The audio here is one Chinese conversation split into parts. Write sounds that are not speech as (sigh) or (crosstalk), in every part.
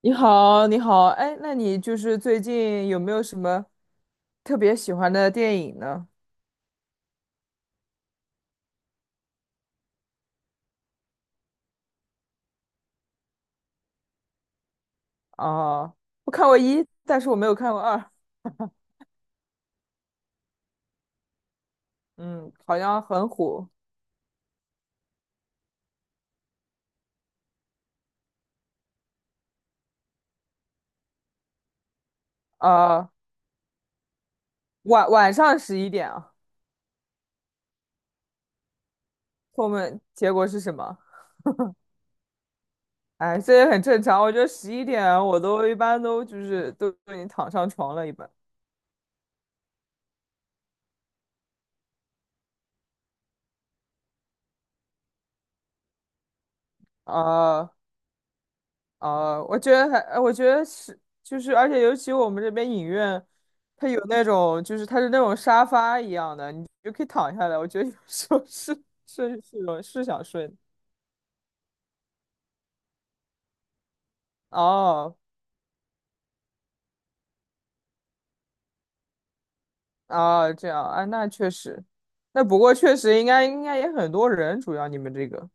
你好，你好，哎，那你就是最近有没有什么特别喜欢的电影呢？啊，我看过一，但是我没有看过二。嗯，好像很火。呃，晚上十一点啊。后面结果是什么？哎，这也很正常。我觉得十一点我都一般都就是都已经躺上床了，一般。啊。哦，我觉得还，我觉得是，就是，而且尤其我们这边影院，它有那种，就是它是那种沙发一样的，你就可以躺下来。我觉得有 (laughs) 时候是是是有是想睡的。哦哦，这样啊，那确实，那不过确实应该也很多人，主要你们这个。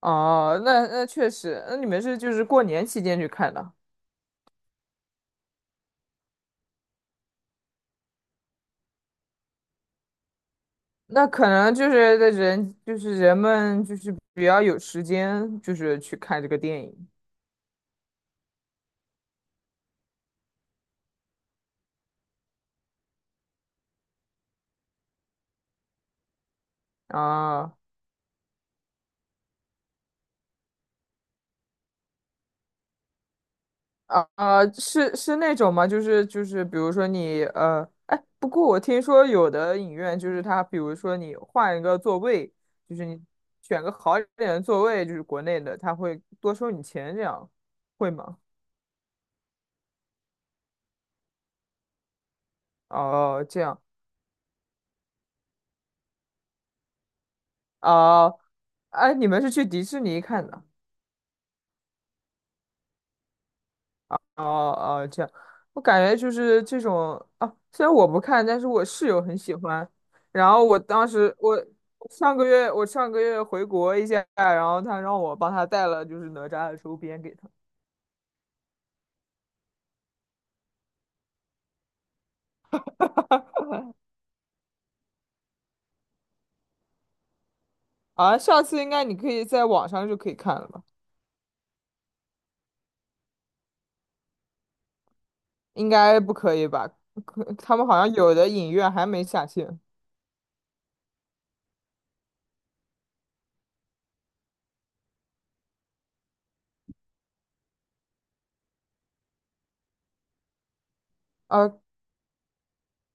哦，那确实，那你们是就是过年期间去看的。那可能就是的人就是人们就是比较有时间，就是去看这个电影啊。啊、是那种吗？就是，比如说你哎，不过我听说有的影院就是它，比如说你换一个座位，就是你选个好一点的座位，就是国内的，他会多收你钱，这样会吗？哦，这样。哦，哎，你们是去迪士尼看的？哦哦，这样，我感觉就是这种啊，虽然我不看，但是我室友很喜欢。然后我上个月我上个月回国一下，然后他让我帮他带了就是哪吒的周边给他。啊，下次应该你可以在网上就可以看了吧？应该不可以吧？可他们好像有的影院还没下线。啊。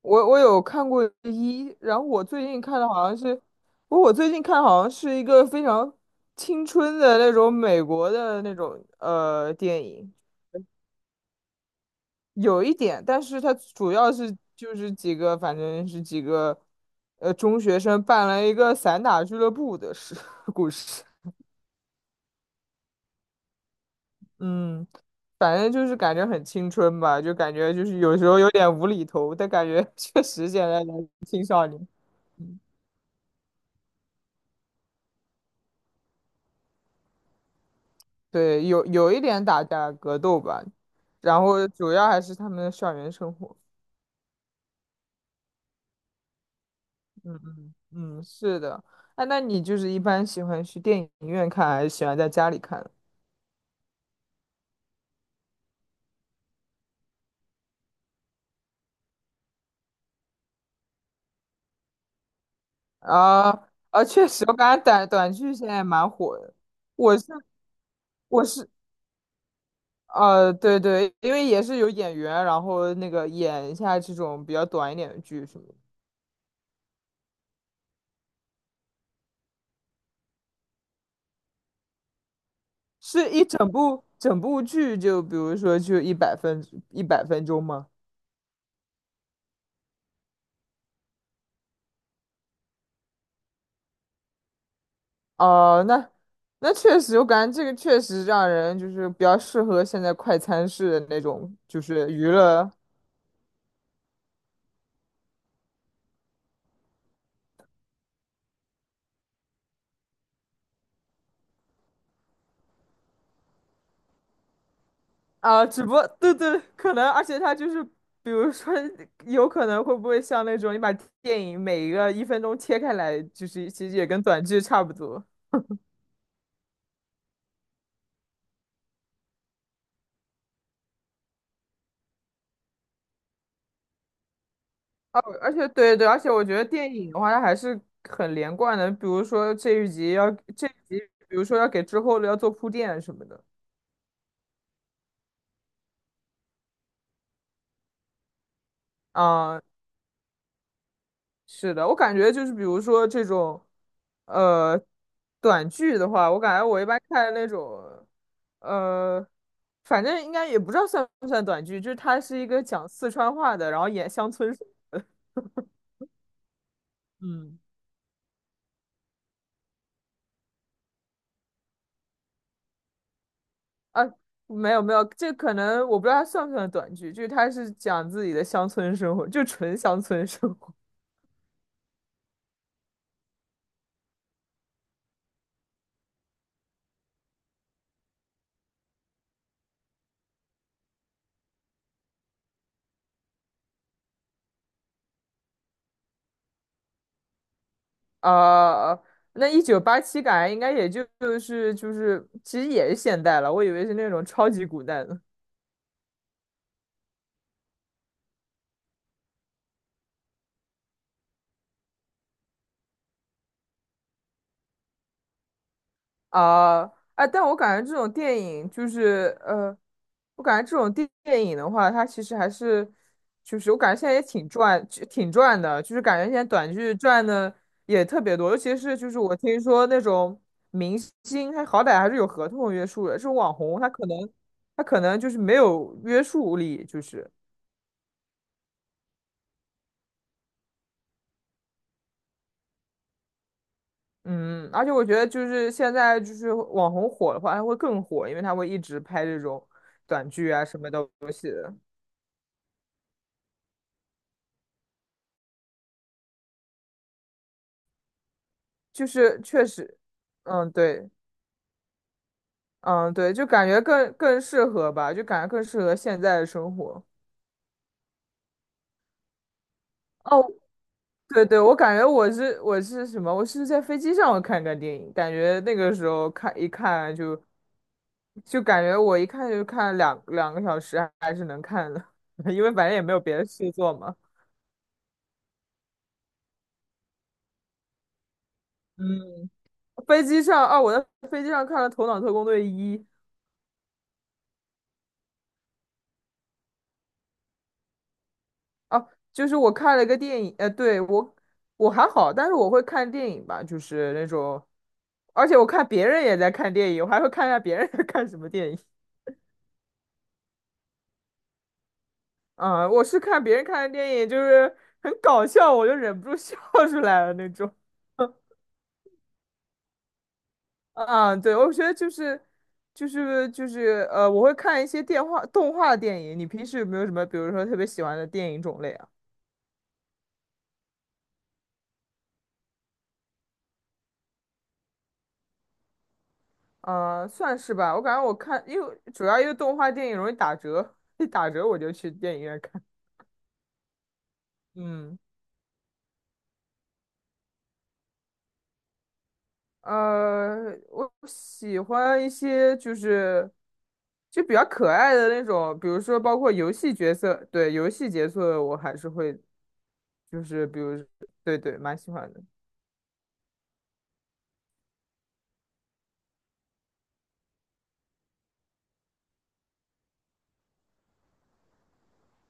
我有看过一，然后我最近看的好像是，我最近看好像是一个非常青春的那种美国的那种电影。有一点，但是它主要是就是几个，反正是几个中学生办了一个散打俱乐部的(laughs) 故事。嗯，反正就是感觉很青春吧，就感觉就是有时候有点无厘头，但感觉 (laughs) 确实现在的青少年。对，有一点打架格斗吧，然后主要还是他们的校园生活。嗯嗯嗯，是的。哎，那你就是一般喜欢去电影院看，还是喜欢在家里看？啊啊，确实，我感觉短剧现在蛮火的。我是我是对对，因为也是有演员，然后那个演一下这种比较短一点的剧什么的，是一整部剧就比如说就一百分钟吗？哦，那确实，我感觉这个确实让人就是比较适合现在快餐式的那种，就是娱乐啊。只不过对对，可能，而且它就是，比如说，有可能会不会像那种你把电影每一个1分钟切开来，就是其实也跟短剧差不多。啊，而且对对，而且我觉得电影的话，它还是很连贯的，比如说这一集，比如说要给之后的要做铺垫什么的。啊。是的，我感觉就是比如说这种，呃，短剧的话，我感觉我一般看那种，呃，反正应该也不知道算不算短剧，就是它是一个讲四川话的，然后演乡村。嗯，啊，没有没有，这可能我不知道它算不算短剧，就是它是讲自己的乡村生活，就纯乡村生活。(laughs) 啊，那1987感觉应该也就就是，其实也是现代了，我以为是那种超级古代的。啊，哎，但我感觉这种电影就是，我感觉这种电影的话，它其实还是，就是我感觉现在也挺赚，就挺赚的，就是感觉现在短剧赚的也特别多，尤其是就是我听说那种明星，他好歹还是有合同约束的，这种网红他可能就是没有约束力，就是嗯，而且我觉得就是现在就是网红火的话，他会更火，因为他会一直拍这种短剧啊什么东西的。就是确实，嗯，对，嗯，对，就感觉更适合吧，就感觉更适合现在的生活。哦，对对，我感觉我是什么？我是在飞机上看看电影，感觉那个时候看一看就感觉我一看就看两个小时还是能看的。(laughs) 因为反正也没有别的事做嘛。嗯，飞机上啊，我在飞机上看了《头脑特工队一》。哦，就是我看了个电影，对，我还好，但是我会看电影吧，就是那种，而且我看别人也在看电影，我还会看一下别人在看什么电影。啊、我是看别人看的电影，就是很搞笑，我就忍不住笑 (laughs) 出来了那种。啊，对，我觉得就是我会看一些电话动画电影。你平时有没有什么，比如说特别喜欢的电影种类啊？算是吧。我感觉我看，因为主要因为动画电影容易打折，(laughs) 一打折我就去电影院看。嗯，我喜欢一些就是就比较可爱的那种，比如说包括游戏角色，对，游戏角色我还是会，就是比如，对对，蛮喜欢的。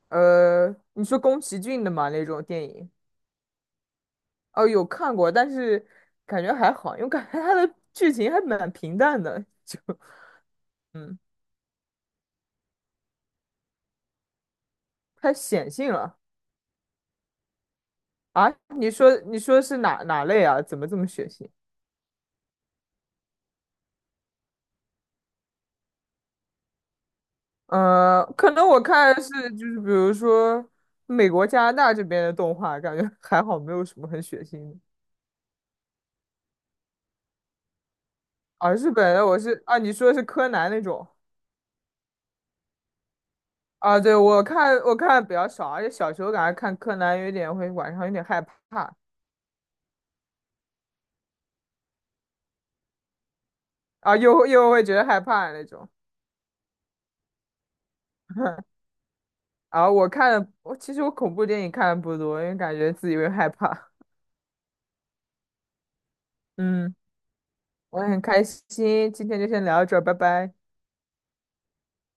你说宫崎骏的嘛那种电影，哦，有看过，但是感觉还好，因为感觉他的剧情还蛮平淡的，就 (laughs) 嗯。太显性了啊！你说是哪类啊？怎么这么血腥？可能我看的是就是比如说美国、加拿大这边的动画，感觉 (laughs) 还好，没有什么很血腥的。啊，日本的我是啊，你说的是柯南那种啊？对，我看的比较少，而且小时候感觉看柯南有点会晚上有点害怕。啊，又会觉得害怕那种。(laughs) 啊。我看的，我其实恐怖电影看的不多，因为感觉自己会害怕。嗯。我也很开心，今天就先聊到这儿，拜拜。